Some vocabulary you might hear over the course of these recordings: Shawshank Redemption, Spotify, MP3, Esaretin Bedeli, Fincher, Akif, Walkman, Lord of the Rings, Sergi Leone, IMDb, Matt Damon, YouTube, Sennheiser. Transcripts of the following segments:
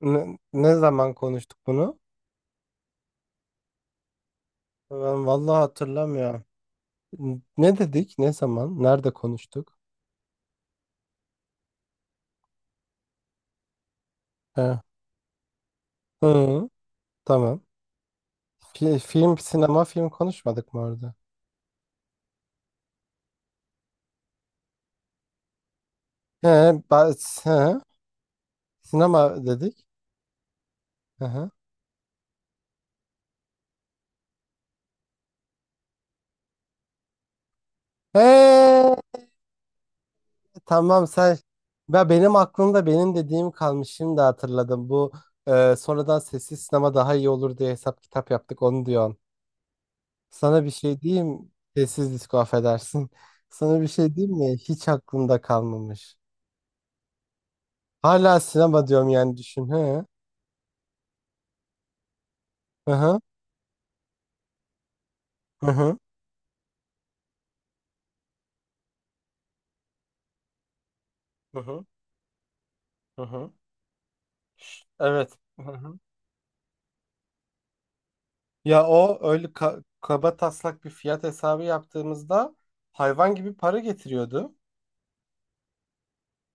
Ne zaman konuştuk bunu? Ben vallahi hatırlamıyorum. Ne dedik? Ne zaman? Nerede konuştuk? He. Hı, tamam. Film, sinema, film konuşmadık mı orada? He, ba- he. Sinema dedik. Hı hı. He, tamam sen. Ben benim aklımda benim dediğim kalmış. Şimdi hatırladım. Bu sonradan sessiz sinema daha iyi olur diye hesap kitap yaptık. Onu diyorsun. Sana bir şey diyeyim. Sessiz disko affedersin. Sana bir şey diyeyim mi? Hiç aklımda kalmamış. Hala sinema diyorum yani düşün. He. Hı hı hı hı hı hı. Hı hı. Evet. Hı hı. Ya o öyle kaba taslak bir fiyat hesabı yaptığımızda hayvan gibi para getiriyordu.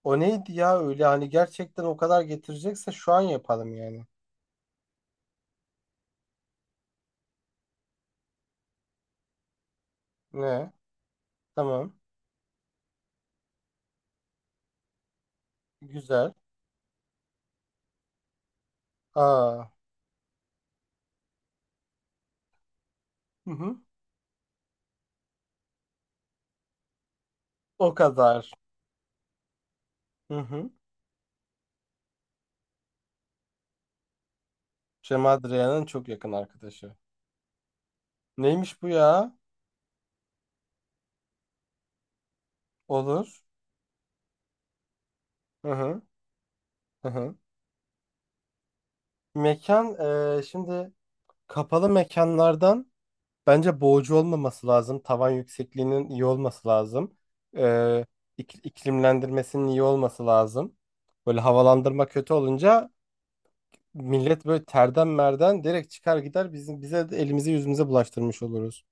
O neydi ya öyle hani gerçekten o kadar getirecekse şu an yapalım yani. Ne? Tamam. Güzel. Aa. Hı hı. O kadar. Hı hı. Cem Adrian'ın çok yakın arkadaşı. Neymiş bu ya? Olur. Hı hı. Hı hı. Mekan şimdi kapalı mekanlardan bence boğucu olmaması lazım. Tavan yüksekliğinin iyi olması lazım. Eee iklimlendirmesinin iyi olması lazım. Böyle havalandırma kötü olunca millet böyle terden merden direkt çıkar gider bizim bize de elimizi yüzümüze bulaştırmış oluruz.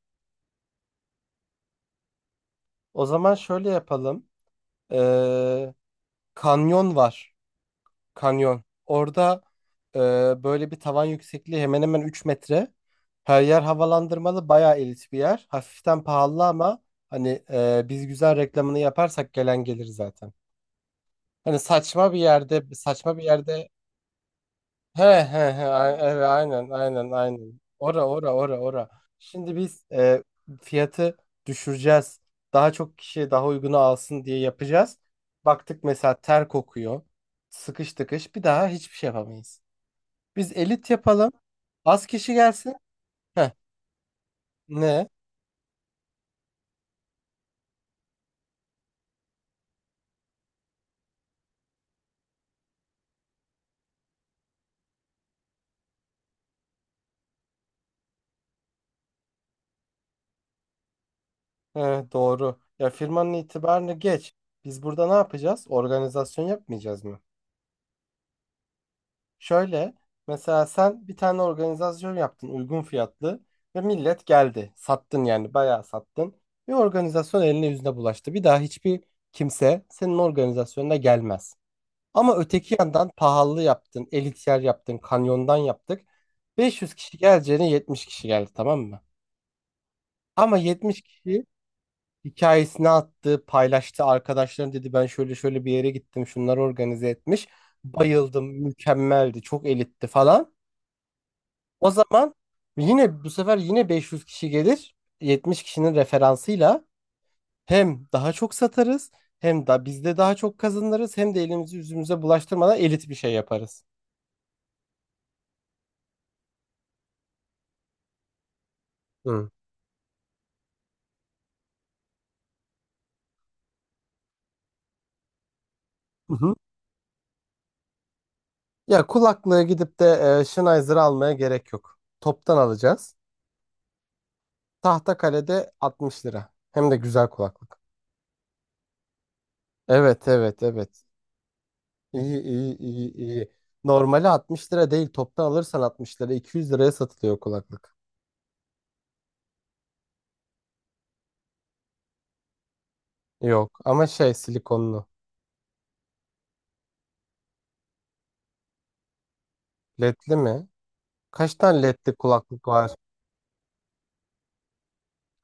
O zaman şöyle yapalım. Eee, kanyon var. Kanyon. Orada e, böyle bir tavan yüksekliği hemen hemen 3 metre. Her yer havalandırmalı, bayağı elit bir yer. Hafiften pahalı ama hani biz güzel reklamını yaparsak gelen gelir zaten. Hani saçma bir yerde, saçma bir yerde. He he he, evet aynen aynen aynen. Ora ora ora ora. Şimdi biz fiyatı düşüreceğiz. Daha çok kişi daha uygunu alsın diye yapacağız. Baktık mesela ter kokuyor. Sıkış tıkış bir daha hiçbir şey yapamayız. Biz elit yapalım. Az kişi gelsin. Heh, ne? Heh, doğru. Ya firmanın itibarını geç. Biz burada ne yapacağız? Organizasyon yapmayacağız mı? Şöyle, mesela sen bir tane organizasyon yaptın uygun fiyatlı ve millet geldi. Sattın yani bayağı sattın. Bir organizasyon eline yüzüne bulaştı. Bir daha hiçbir kimse senin organizasyonuna gelmez. Ama öteki yandan pahalı yaptın, elit yer yaptın, kanyondan yaptık. 500 kişi geleceğine 70 kişi geldi, tamam mı? Ama 70 kişi hikayesini attı, paylaştı. Arkadaşlarım dedi, ben şöyle şöyle bir yere gittim. Şunları organize etmiş. Bayıldım, mükemmeldi, çok elitti falan. O zaman yine bu sefer yine 500 kişi gelir. 70 kişinin referansıyla hem daha çok satarız, hem de biz de daha çok kazanırız, hem de elimizi yüzümüze bulaştırmadan elit bir şey yaparız. Hı. Hı hı. Ya kulaklığı gidip de Sennheiser almaya gerek yok. Toptan alacağız. Tahtakale'de 60 lira. Hem de güzel kulaklık. Evet evet evet. İyi iyi iyi iyi. Normali 60 lira değil. Toptan alırsan 60 lira. 200 liraya satılıyor kulaklık. Yok ama şey silikonlu. LED'li mi? Kaç tane LED'li kulaklık var?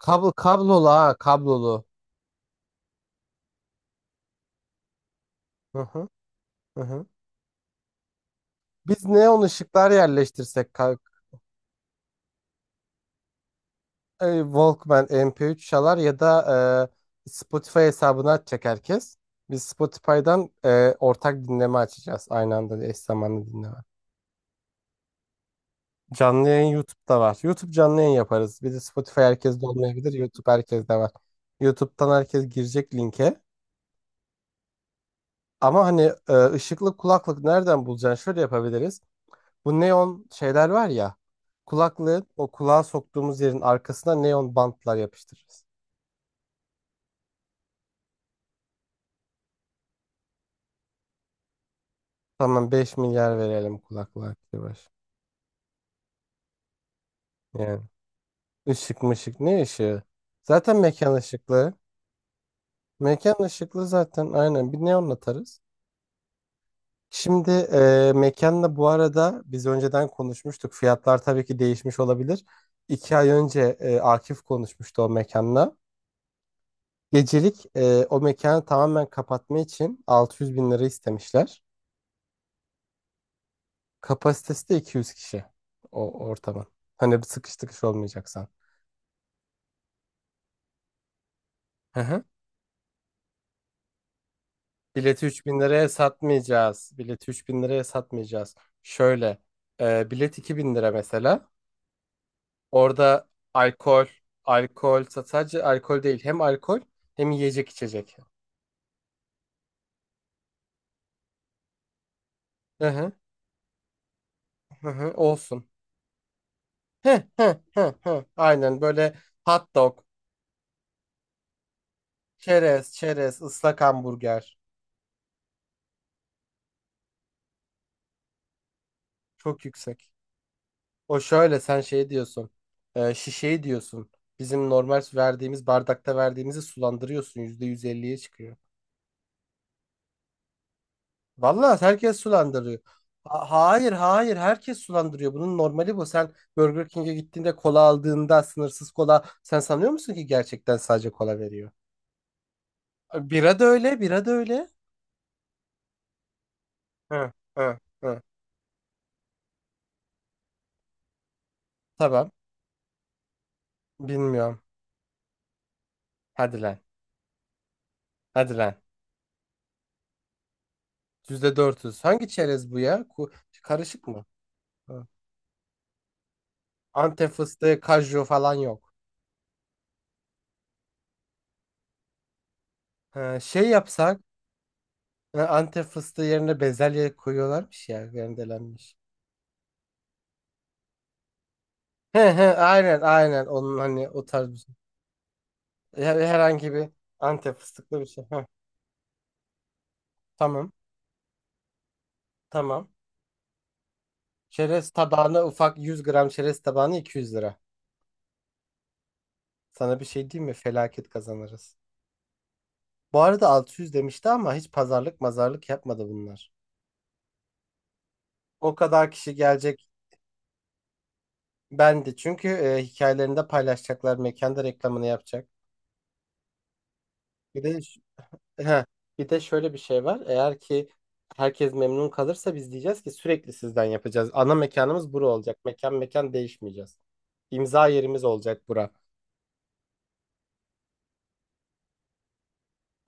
Kablo kablolu ha kablolu. Hı hı, hı hı. Biz neon ışıklar yerleştirsek Walkman MP3 çalar ya da Spotify hesabını açacak herkes. Biz Spotify'dan ortak dinleme açacağız. Aynı anda eş zamanlı dinleme. Canlı yayın YouTube'da var. YouTube canlı yayın yaparız. Bir de Spotify herkeste olmayabilir. YouTube herkeste var. YouTube'dan herkes girecek linke. Ama hani ışıklı kulaklık nereden bulacaksın? Şöyle yapabiliriz. Bu neon şeyler var ya. Kulaklığı o kulağa soktuğumuz yerin arkasına neon bantlar yapıştırırız. Tamam, 5 milyar verelim kulaklığa. Yavaş. Yani ışık mışık, ne ışığı? Zaten mekan ışıklı. Mekan ışıklı zaten, aynen bir neon atarız. Şimdi mekanla bu arada biz önceden konuşmuştuk. Fiyatlar tabii ki değişmiş olabilir. 2 ay önce Akif konuşmuştu o mekanla. Gecelik o mekanı tamamen kapatma için 600 bin lira istemişler. Kapasitesi de 200 kişi o ortamın. Hani bir sıkış tıkış olmayacaksan. Bileti 3 bin liraya satmayacağız. Bileti 3 bin liraya satmayacağız. Şöyle bilet 2 bin lira mesela. Orada alkol, alkol sadece alkol değil. Hem alkol hem yiyecek içecek. Hı hı, hı hı, olsun. Hı hı, hı hı. Aynen böyle hot dog, çerez, çerez, ıslak hamburger. Çok yüksek. O şöyle sen şey diyorsun. Şişeyi diyorsun. Bizim normal verdiğimiz bardakta verdiğimizi sulandırıyorsun. %150'ye çıkıyor. Vallahi herkes sulandırıyor. Hayır hayır herkes sulandırıyor. Bunun normali bu. Sen Burger King'e gittiğinde kola aldığında sınırsız kola sen sanıyor musun ki gerçekten sadece kola veriyor? Bira da öyle, bira da öyle. Hı, hı, hı. Tamam. Bilmiyorum. Hadi lan. Hadi lan. %400. Hangi çerez bu ya? Karışık mı? Hı. Antep fıstığı, kaju falan yok. Hı, şey yapsak, hı, Antep fıstığı yerine bezelye koyuyorlarmış ya, rendelenmiş. He he aynen aynen onun hani o tarz bir şey. Herhangi bir Antep fıstıklı bir şey. Heh, tamam tamam. Çerez tabağına ufak 100 gram çerez tabağına 200 lira. Sana bir şey diyeyim mi? Felaket kazanırız. Bu arada 600 demişti ama hiç pazarlık mazarlık yapmadı bunlar. O kadar kişi gelecek. Ben de çünkü hikayelerinde paylaşacaklar. Mekanda reklamını yapacak. Bir de Heh, bir de şöyle bir şey var. Eğer ki herkes memnun kalırsa biz diyeceğiz ki sürekli sizden yapacağız. Ana mekanımız bura olacak. Mekan mekan değişmeyeceğiz. İmza yerimiz olacak bura.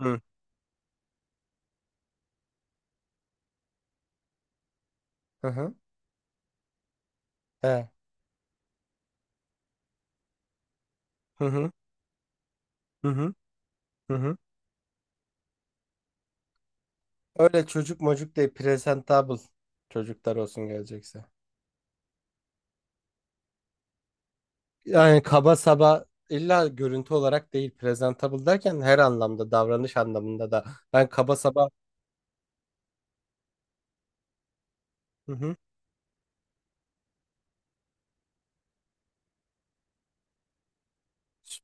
Hı. Hı hı. He. Hı hı. Hı hı. Hı hı. Öyle çocuk mocuk değil. Presentable çocuklar olsun gelecekse. Yani kaba saba illa görüntü olarak değil. Presentable derken her anlamda davranış anlamında da. Ben kaba saba. Hı hı.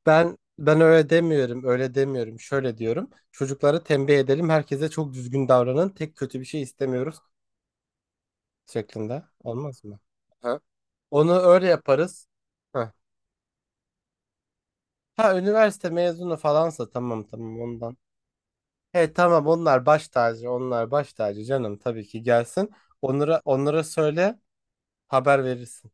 Ben öyle demiyorum, öyle demiyorum. Şöyle diyorum. Çocuklara tembih edelim. Herkese çok düzgün davranın. Tek kötü bir şey istemiyoruz şeklinde. Olmaz mı? Ha? Onu öyle yaparız. Heh. Ha, üniversite mezunu falansa tamam tamam ondan. He, tamam, onlar baş tacı, onlar baş tacı canım, tabii ki gelsin. Onlara söyle, haber verirsin.